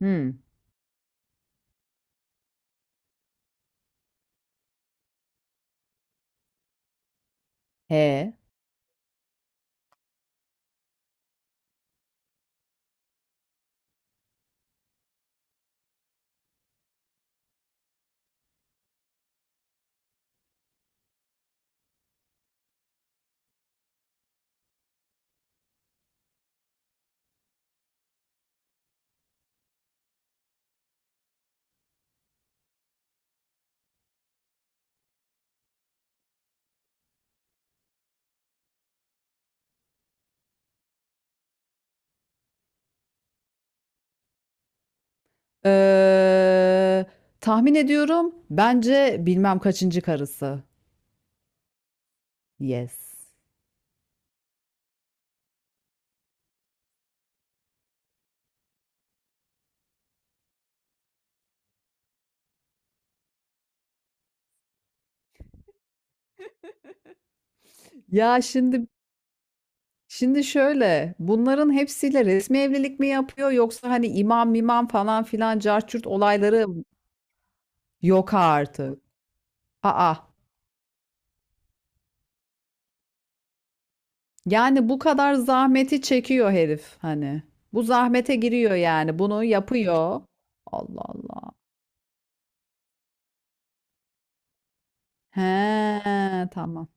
Hmm. He. Ee, Tahmin ediyorum. Bence bilmem kaçıncı karısı. Yes. Ya şimdi şöyle. Bunların hepsiyle resmi evlilik mi yapıyor yoksa hani imam mimam falan filan carçurt olayları yok artık. Aa. Yani bu kadar zahmeti çekiyor herif hani. Bu zahmete giriyor yani. Bunu yapıyor. Allah Allah. He, tamam.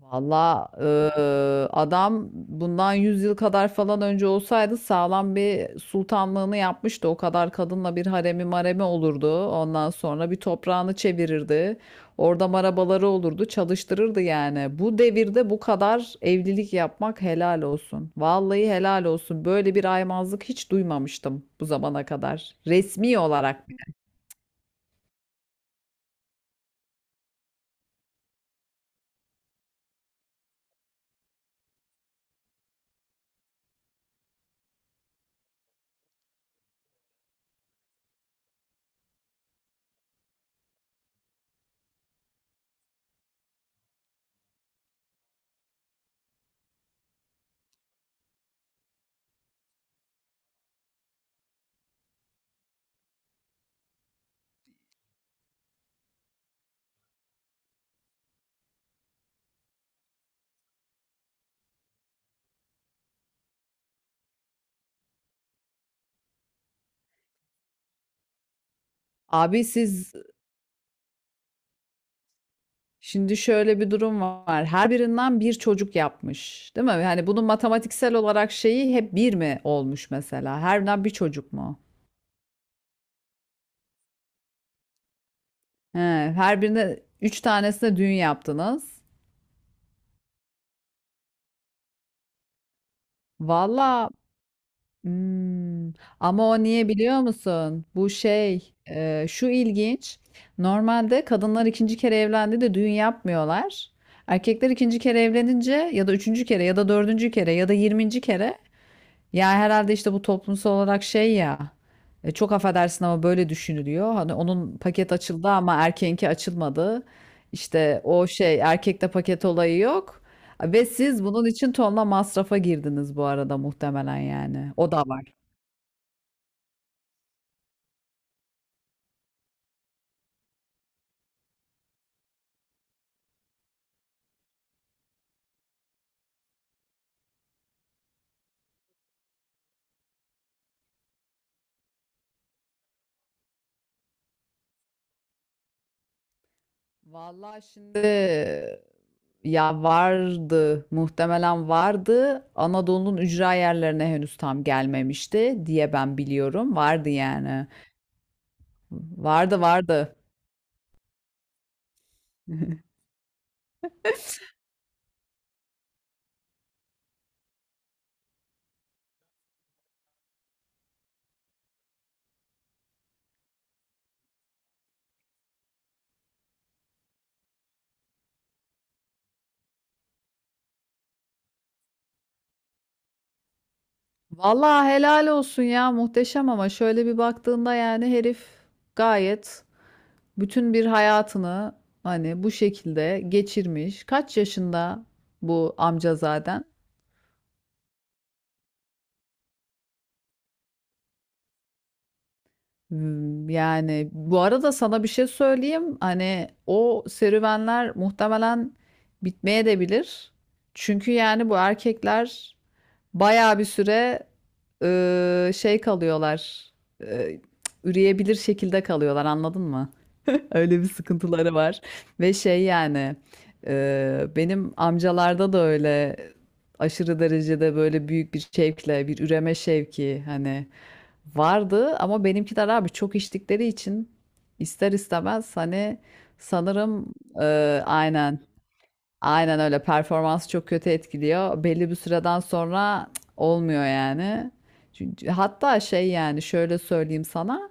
Valla adam bundan 100 yıl kadar falan önce olsaydı sağlam bir sultanlığını yapmıştı. O kadar kadınla bir haremi maremi olurdu. Ondan sonra bir toprağını çevirirdi. Orada marabaları olurdu, çalıştırırdı yani. Bu devirde bu kadar evlilik yapmak helal olsun. Vallahi helal olsun. Böyle bir aymazlık hiç duymamıştım bu zamana kadar. Resmi olarak. Abi siz Şimdi şöyle bir durum var. Her birinden bir çocuk yapmış, değil mi? Yani bunun matematiksel olarak şeyi hep bir mi olmuş mesela? Her birinden bir çocuk mu? He, her birine üç tanesine düğün yaptınız. Valla, hmm, ama o niye biliyor musun? Bu şey, şu ilginç. Normalde kadınlar ikinci kere evlendi de düğün yapmıyorlar. Erkekler ikinci kere evlenince ya da üçüncü kere ya da dördüncü kere ya da 20. kere. Ya herhalde işte bu toplumsal olarak şey ya, çok affedersin ama böyle düşünülüyor. Hani onun paket açıldı ama erkeğinki açılmadı. İşte o şey erkekte paket olayı yok. Ve siz bunun için tonla masrafa girdiniz bu arada muhtemelen yani. O da var. Vallahi şimdi, ya vardı muhtemelen vardı. Anadolu'nun ücra yerlerine henüz tam gelmemişti diye ben biliyorum. Vardı yani. Vardı vardı. Vallahi helal olsun ya, muhteşem, ama şöyle bir baktığında yani herif gayet bütün bir hayatını hani bu şekilde geçirmiş. Kaç yaşında bu amca zaten? Yani bu arada sana bir şey söyleyeyim. Hani o serüvenler muhtemelen bitmeye de bilir. Çünkü yani bu erkekler bayağı bir süre şey kalıyorlar. Eee, Üreyebilir şekilde kalıyorlar, anladın mı? Öyle bir sıkıntıları var. Ve şey yani, benim amcalarda da öyle aşırı derecede böyle büyük bir şevkle bir üreme şevki hani vardı, ama benimkiler abi çok içtikleri için ister istemez hani sanırım, e, aynen. Aynen öyle. Performansı çok kötü etkiliyor. Belli bir süreden sonra cık, olmuyor yani. Çünkü, hatta şey yani şöyle söyleyeyim sana.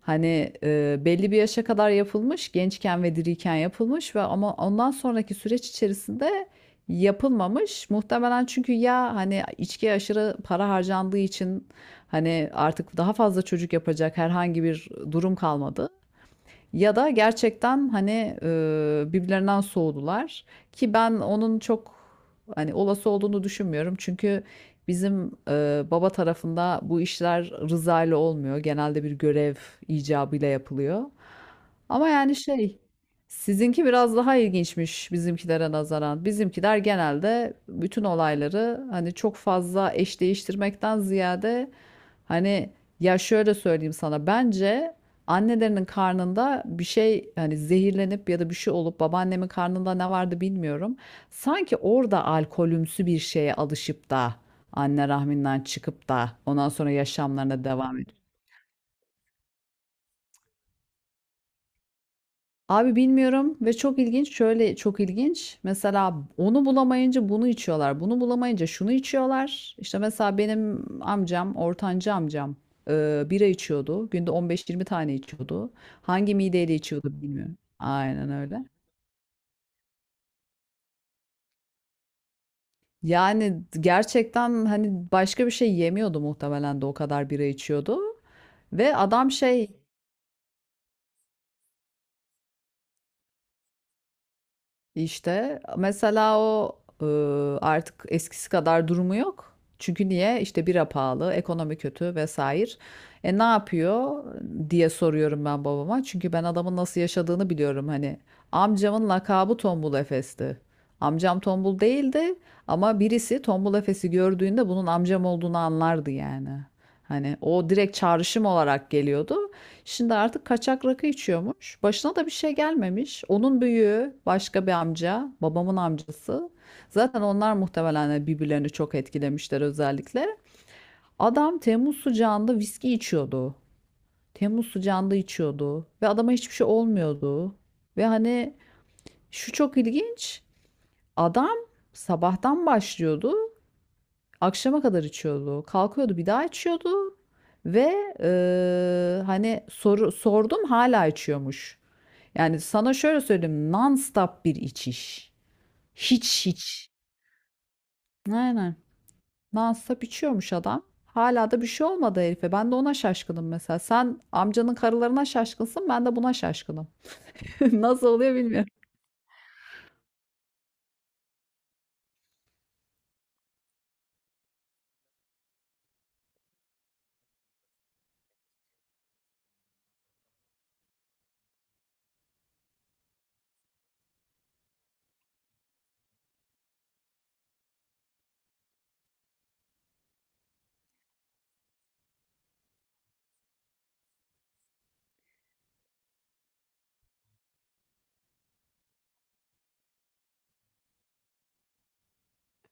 Hani, belli bir yaşa kadar yapılmış, gençken ve diriyken yapılmış ve ama ondan sonraki süreç içerisinde yapılmamış. Muhtemelen çünkü ya hani içkiye aşırı para harcandığı için hani artık daha fazla çocuk yapacak herhangi bir durum kalmadı. Ya da gerçekten hani, birbirlerinden soğudular ki ben onun çok hani olası olduğunu düşünmüyorum. Çünkü bizim, baba tarafında bu işler rıza ile olmuyor. Genelde bir görev icabıyla yapılıyor. Ama yani şey, sizinki biraz daha ilginçmiş bizimkilere nazaran. Bizimkiler genelde bütün olayları hani çok fazla eş değiştirmekten ziyade hani, ya şöyle söyleyeyim sana, bence annelerinin karnında bir şey hani zehirlenip ya da bir şey olup, babaannemin karnında ne vardı bilmiyorum. Sanki orada alkolümsü bir şeye alışıp da anne rahminden çıkıp da ondan sonra yaşamlarına devam ediyor. Abi bilmiyorum, ve çok ilginç, şöyle çok ilginç. Mesela onu bulamayınca bunu içiyorlar. Bunu bulamayınca şunu içiyorlar. İşte mesela benim amcam, ortancı amcam, bira içiyordu. Günde 15-20 tane içiyordu. Hangi mideyle içiyordu bilmiyorum. Aynen öyle. Yani gerçekten hani başka bir şey yemiyordu muhtemelen de o kadar bira içiyordu. Ve adam şey İşte mesela o, artık eskisi kadar durumu yok. Çünkü niye? İşte bira pahalı, ekonomi kötü vesaire. E ne yapıyor diye soruyorum ben babama. Çünkü ben adamın nasıl yaşadığını biliyorum hani. Amcamın lakabı Tombul Efes'ti. Amcam tombul değildi ama birisi Tombul Efes'i gördüğünde bunun amcam olduğunu anlardı yani. Hani o direkt çağrışım olarak geliyordu. Şimdi artık kaçak rakı içiyormuş. Başına da bir şey gelmemiş. Onun büyüğü başka bir amca, babamın amcası. Zaten onlar muhtemelen de birbirlerini çok etkilemişler özellikle. Adam Temmuz sıcağında viski içiyordu. Temmuz sıcağında içiyordu ve adama hiçbir şey olmuyordu. Ve hani şu çok ilginç. Adam sabahtan başlıyordu, akşama kadar içiyordu. Kalkıyordu, bir daha içiyordu ve hani sordum, hala içiyormuş. Yani sana şöyle söyleyeyim. Non-stop bir içiş. Hiç hiç. Aynen. Non-stop içiyormuş adam. Hala da bir şey olmadı herife. Ben de ona şaşkınım mesela. Sen amcanın karılarına şaşkınsın, ben de buna şaşkınım. Nasıl oluyor bilmiyorum.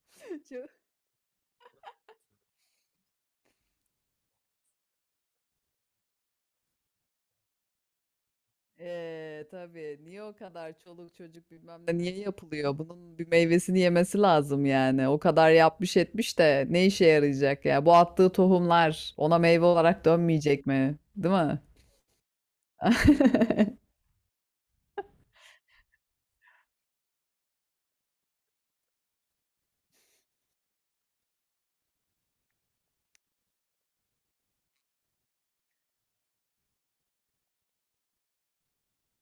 Çok- tabii. Niye o kadar çoluk çocuk bilmem ne niye yapılıyor? Bunun bir meyvesini yemesi lazım yani. O kadar yapmış etmiş de ne işe yarayacak ya? Bu attığı tohumlar ona meyve olarak dönmeyecek mi? Değil mi?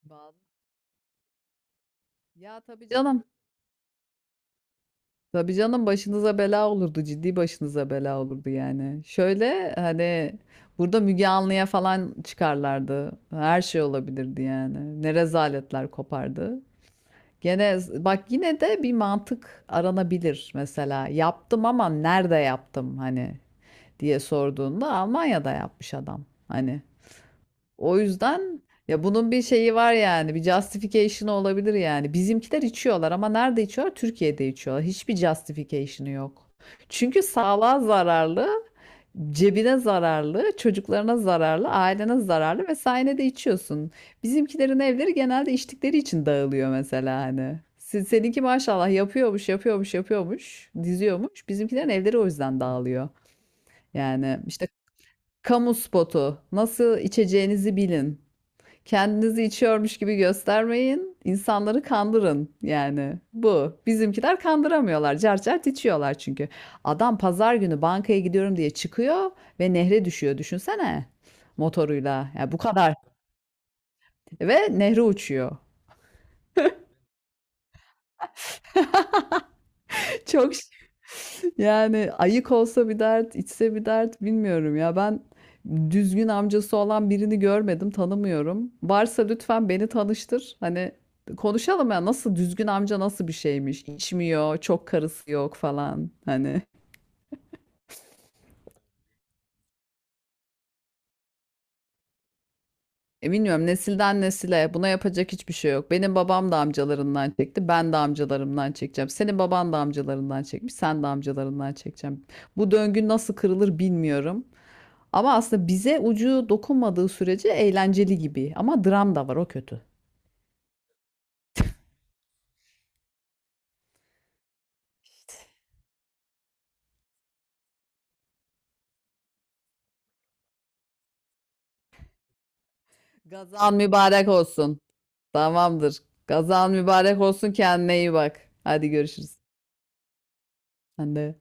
Bazı Ya tabii canım. Tabii canım başınıza bela olurdu. Ciddi başınıza bela olurdu yani. Şöyle hani burada Müge Anlı'ya falan çıkarlardı. Her şey olabilirdi yani. Ne rezaletler kopardı. Gene bak yine de bir mantık aranabilir mesela. Yaptım ama nerede yaptım hani diye sorduğunda Almanya'da yapmış adam. Hani. O yüzden, ya bunun bir şeyi var yani, bir justification'ı olabilir yani. Bizimkiler içiyorlar ama nerede içiyorlar? Türkiye'de içiyorlar. Hiçbir justification'ı yok. Çünkü sağlığa zararlı, cebine zararlı, çocuklarına zararlı, ailene zararlı ve sen de içiyorsun. Bizimkilerin evleri genelde içtikleri için dağılıyor mesela hani. Seninki maşallah yapıyormuş, yapıyormuş, yapıyormuş, diziyormuş. Bizimkilerin evleri o yüzden dağılıyor. Yani işte kamu spotu, nasıl içeceğinizi bilin. Kendinizi içiyormuş gibi göstermeyin. İnsanları kandırın yani. Bu. Bizimkiler kandıramıyorlar. Cart cart içiyorlar çünkü. Adam pazar günü bankaya gidiyorum diye çıkıyor ve nehre düşüyor, düşünsene, motoruyla. Ya bu kadar. Ve nehre uçuyor. Çok Yani ayık olsa bir dert, içse bir dert, bilmiyorum ya. Ben düzgün amcası olan birini görmedim, tanımıyorum. Varsa lütfen beni tanıştır. Hani konuşalım ya, nasıl düzgün amca, nasıl bir şeymiş? İçmiyor, çok karısı yok falan. Hani. Bilmiyorum, nesilden nesile buna yapacak hiçbir şey yok. Benim babam da amcalarından çekti, ben de amcalarımdan çekeceğim. Senin baban da amcalarından çekmiş, sen de amcalarından çekeceğim. Bu döngü nasıl kırılır bilmiyorum. Ama aslında bize ucu dokunmadığı sürece eğlenceli gibi. Ama dram da var, o kötü. Gazan mübarek olsun. Tamamdır. Gazan mübarek olsun, kendine iyi bak. Hadi görüşürüz. Sen de.